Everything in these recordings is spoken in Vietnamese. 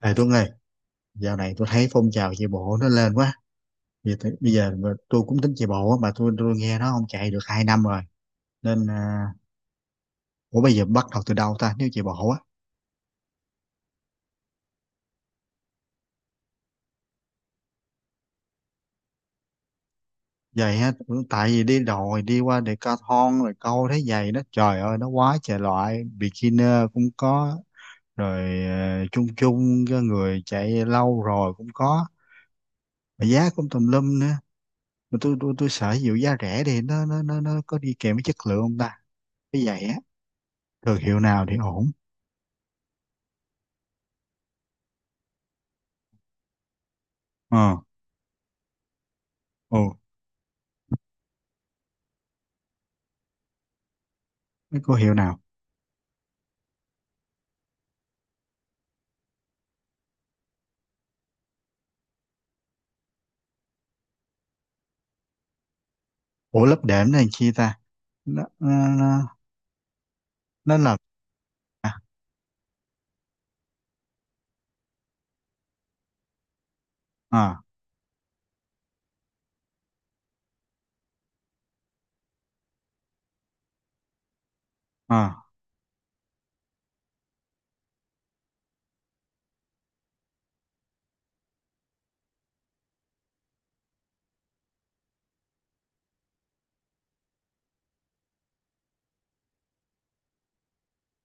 Này Tuấn ơi, dạo này tôi thấy phong trào chạy bộ nó lên quá. Bây giờ mà tôi cũng tính chạy bộ á, mà tôi nghe nó không chạy được 2 năm rồi. Nên, à, ủa bây giờ bắt đầu từ đâu ta nếu chạy bộ á? Vậy á, ừ, tại vì đi đồi, đi qua Decathlon rồi câu thấy giày nó trời ơi nó quá trời loại. Beginner cũng có, rồi à, chung chung cho người chạy lâu rồi cũng có. Mà giá cũng tùm lum nữa. Mà tôi sợ dụ giá rẻ thì nó có đi kèm với chất lượng không ta? Cái giày á, thương hiệu nào thì ổn? Ờ. Ồ, cái cô hiệu nào? Ủa lớp đệm nó làm chi ta? Nó, nó, nó, nó là... À, à, à.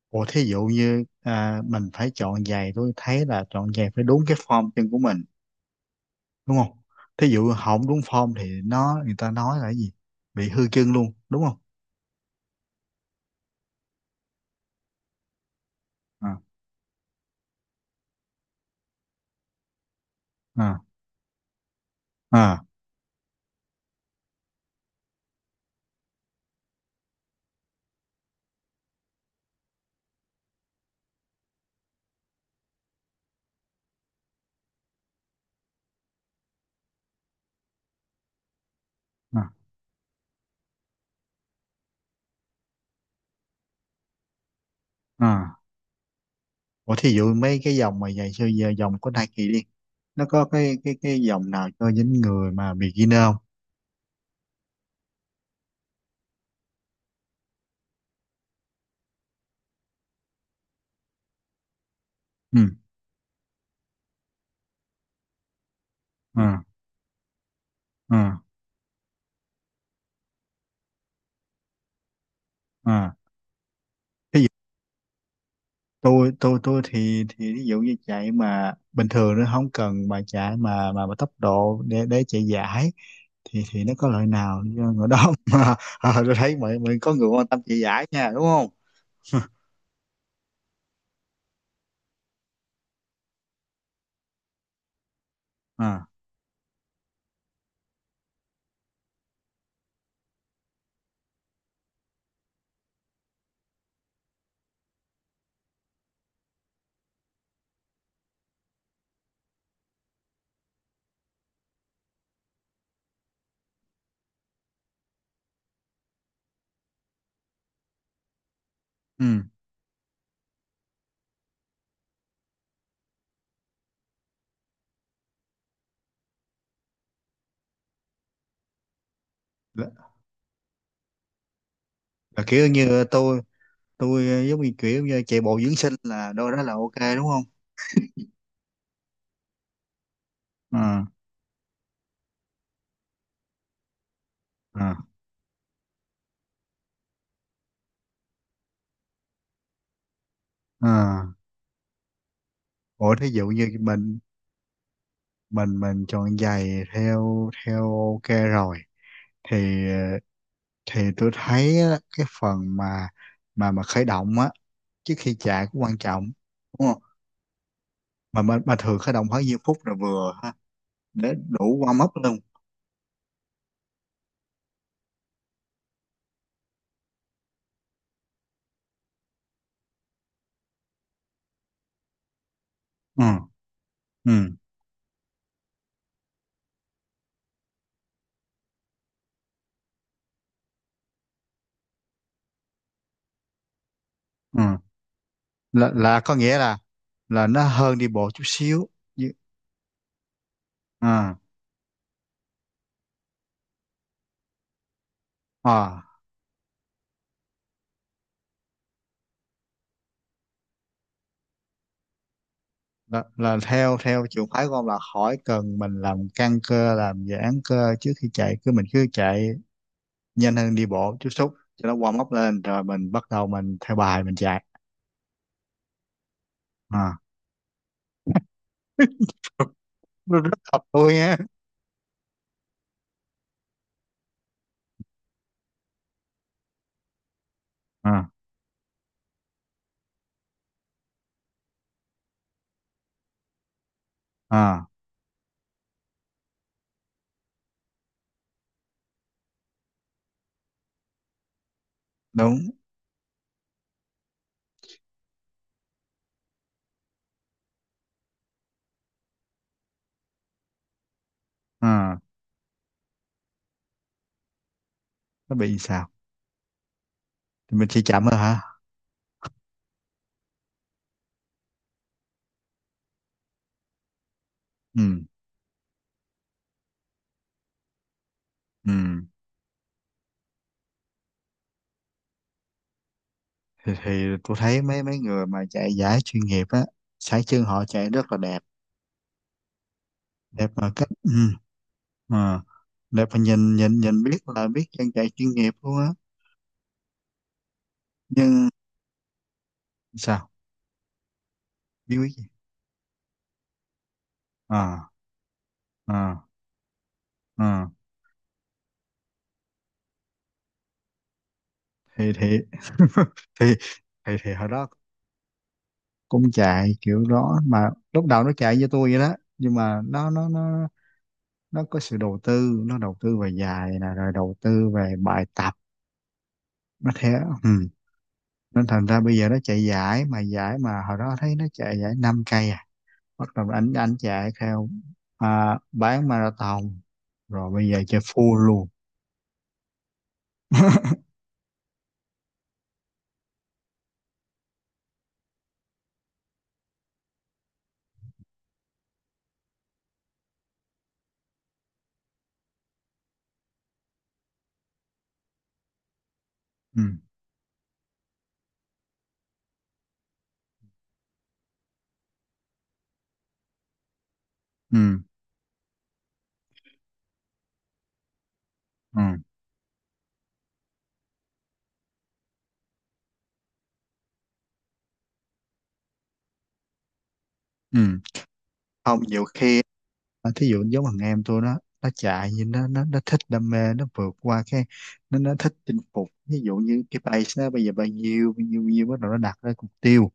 Ủa thí dụ như à, mình phải chọn giày tôi thấy là chọn giày phải đúng cái form chân của mình, đúng không? Thí dụ không đúng form thì nó người ta nói là cái gì? Bị hư chân luôn đúng không? À, à, à, à, à. Ủa thí dụ mấy cái dòng mà giày siêu giờ dòng của Nike đi, nó có cái dòng nào cho những người mà beginner không? Ừ, à, à, à. Tôi thì ví dụ như chạy mà bình thường nó không cần mà chạy mà tốc độ để chạy giải thì nó có lợi nào cho người đó mà à, tôi thấy mọi mọi có người quan tâm chạy giải nha đúng không? À, ừ. là, là kiểu như tôi ờ, giống như kiểu như chạy bộ dưỡng sinh là đôi đó là ok đúng không? À, à, à. Ủa thí dụ như mình mình chọn giày theo theo ok rồi, thì ờ, thì tôi thấy á, cái phần mà khởi động á trước khi chạy cũng quan trọng đúng không? Mà thường khởi động khoảng nhiêu phút là vừa ha, để đủ warm up luôn? Ừ, ừ, ừ. Là có nghĩa là nó hơn đi bộ chút xíu. Chứ- À, à. Là theo theo trường phái của ông là khỏi cần mình làm căng cơ làm giãn cơ trước khi chạy, cứ mình cứ chạy nhanh hơn đi bộ chút xíu cho nó warm up lên rồi mình bắt đầu mình theo bài mình chạy? À, nó rất hợp tôi á. À, à, đúng. À, nó bị sao? Thì mình chỉ chậm thôi hả? Ừ, ừ. Thì tôi thấy mấy mấy người mà chạy giải chuyên nghiệp á, sải chân họ chạy rất là đẹp. Đẹp mà cách, ừ, à, đẹp mà nhìn nhìn nhìn biết là biết chân chạy chuyên nghiệp luôn á. Nhưng sao? Biết biết gì? À, à, à. Thì thì thì hồi đó cũng chạy kiểu đó mà lúc đầu nó chạy với tôi vậy đó, nhưng mà nó có sự đầu tư, nó đầu tư về dài nè rồi đầu tư về bài tập. Nó thế. Ừ. Nên thành ra bây giờ nó chạy giải mà, giải mà hồi đó thấy nó chạy giải 5 cây à, bắt đầu ảnh ảnh chạy theo. À, bán marathon. Rồi bây giờ chơi full luôn. Ừ. Ừ. Ừ. Ừ. Không nhiều khi. Mà thí dụ giống thằng em tôi nó chạy như nó thích đam mê nó vượt qua cái, nó thích chinh phục ví dụ như cái base nó bây giờ bao nhiêu bao nhiêu bao nhiêu bắt đầu nó đặt ra mục tiêu.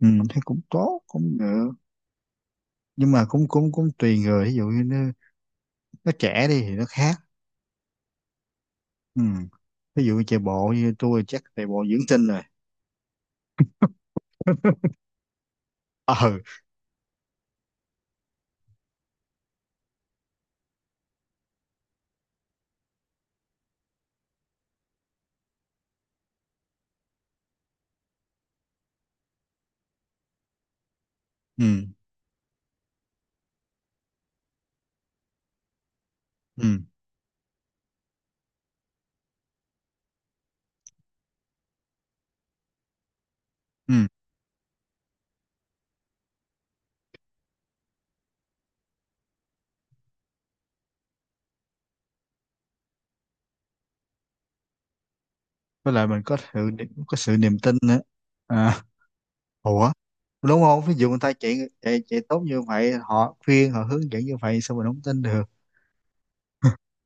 Ừ, thấy cũng tốt cũng được. Nhưng mà cũng cũng cũng tùy người, ví dụ như nó trẻ đi thì nó khác. Ừ. Ví dụ như chạy bộ như tôi chắc chạy bộ dưỡng tinh rồi. Ờ. Ừ, ừ, ừ. Với lại mình có sự niềm tin nữa. À, ủa, đúng không, ví dụ người ta chạy chạy chạy tốt như vậy họ khuyên họ hướng dẫn như vậy sao mình không tin được?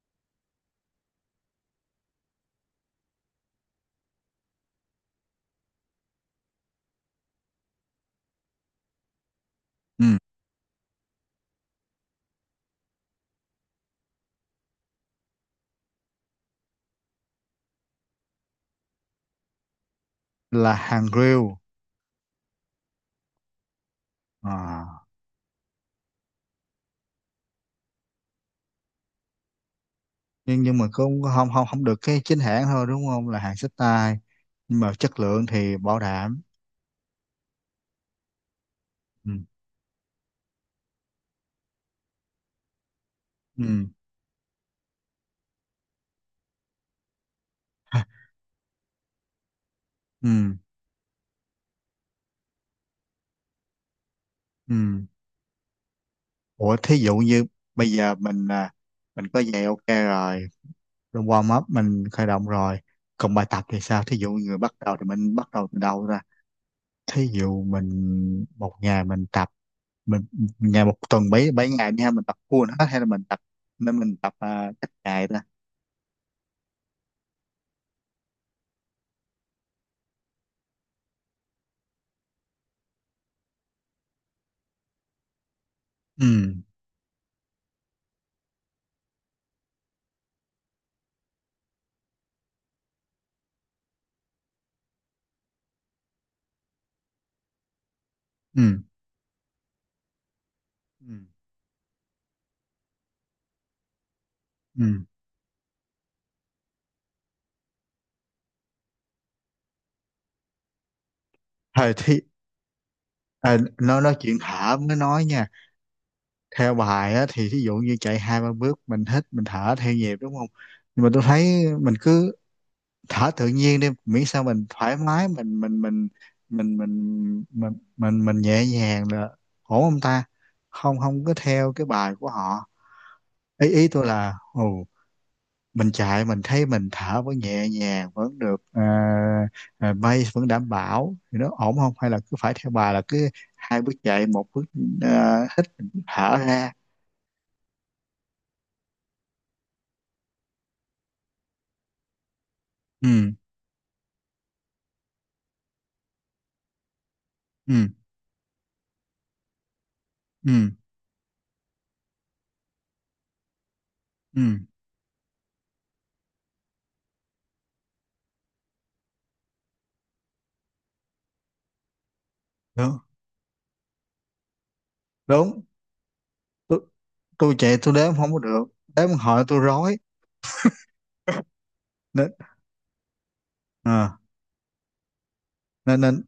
Ừ. Là hàng real. À. Nhưng mà không không không không được cái chính hãng thôi đúng không, là hàng xách tay, nhưng mà chất lượng thì bảo đảm. Ừ. Ừ. Ừ. Ừ. Ủa thí dụ như bây giờ mình à, mình có giày ok rồi, rồi warm up mình khởi động rồi, còn bài tập thì sao, thí dụ người bắt đầu thì mình bắt đầu từ đâu ra? Thí dụ mình một ngày mình tập, mình ngày một tuần bảy bảy ngày nha, mình tập full hết hay là mình tập nên mình tập à, cách ngày ta? Ừ, ừ, ừ, ừ. Thời thì à, nó nói chuyện thở mới nói nha. Theo bài á, thì thí dụ như chạy hai ba bước mình hít mình thở theo nhịp đúng không? Nhưng mà tôi thấy mình cứ thở tự nhiên đi, miễn sao mình thoải mái mình nhẹ nhàng là ổn không ta, không không có theo cái bài của họ? Ý ý tôi là, ừ, mình chạy mình thấy mình thở vẫn nhẹ nhàng vẫn được ờ, ờ, pace vẫn đảm bảo thì nó ổn không, hay là cứ phải theo bà là cứ hai bước chạy một bước, ờ, hít, thở ra? Ừ, ừ, ừ, ừ, đúng, đúng. Tôi, tôi chạy tôi đếm không có được, đếm hỏi tôi rối. Nên à, nên nên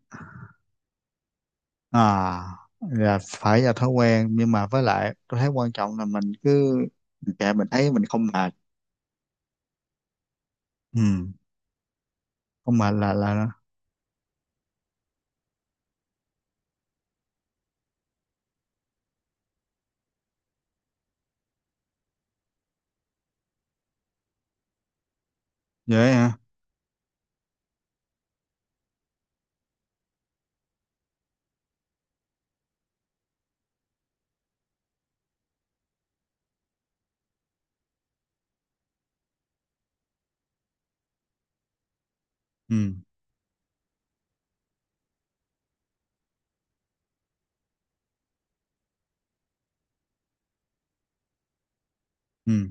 à là phải là thói quen, nhưng mà với lại tôi thấy quan trọng là mình cứ mình chạy mình thấy mình không mệt. Ừ. Không mệt là là. Vậy hả? Ừ. Ừ.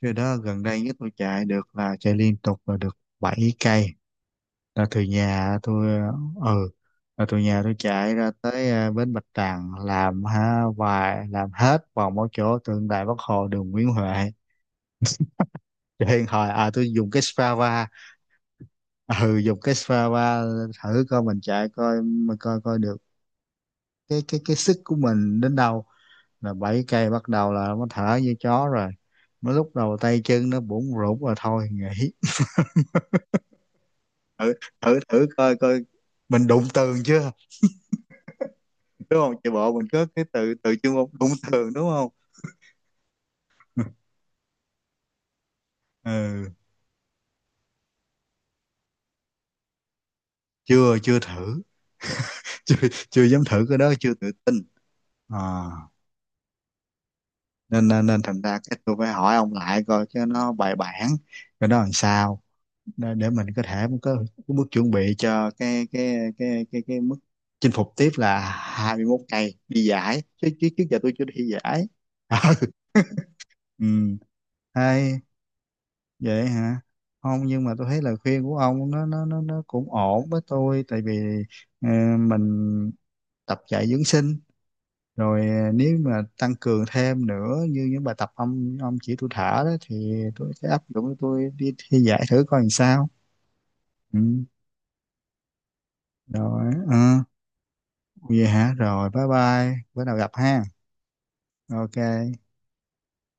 Cái đó gần đây nhất tôi chạy được là chạy liên tục là được 7 cây, là từ nhà tôi ờ, ừ, là từ nhà tôi chạy ra tới ờ, bến Bạch Đằng làm ha vài làm hết vòng một chỗ tượng đài Bắc Hồ đường Nguyễn Huệ. Cho nên hồi à tôi dùng cái Strava. Ừ, dùng cái Strava thử coi mình chạy coi mà coi coi được cái sức của mình đến đâu. Là 7 cây bắt đầu là nó thở như chó rồi, mới lúc đầu tay chân nó bủn rủn rồi thôi nghỉ. Thử, thử coi coi mình đụng tường chưa, đúng không, chạy bộ mình có cái từ từ chuyên môn đụng tường đúng không? Ừ, chưa chưa thử. Chưa, chưa dám thử cái đó chưa tự tin. À, nên, nên nên thành ra cái tôi phải hỏi ông lại coi cho nó bài bản cái đó làm sao, để mình có thể có cái bước chuẩn bị cho cái mức chinh phục tiếp là 21 ngày đi giải, chứ chứ trước giờ tôi chưa đi giải. Ừ. Hay vậy hả? Không nhưng mà tôi thấy lời khuyên của ông nó cũng ổn với tôi, tại vì ờ, mình tập chạy dưỡng sinh rồi ờ, nếu mà tăng cường thêm nữa như những bài tập ông chỉ tôi thả đó thì tôi sẽ áp dụng tôi đi thi giải thử coi làm sao. Ừ. Rồi ờ, vậy hả, rồi bye bye bữa nào gặp ha, ok.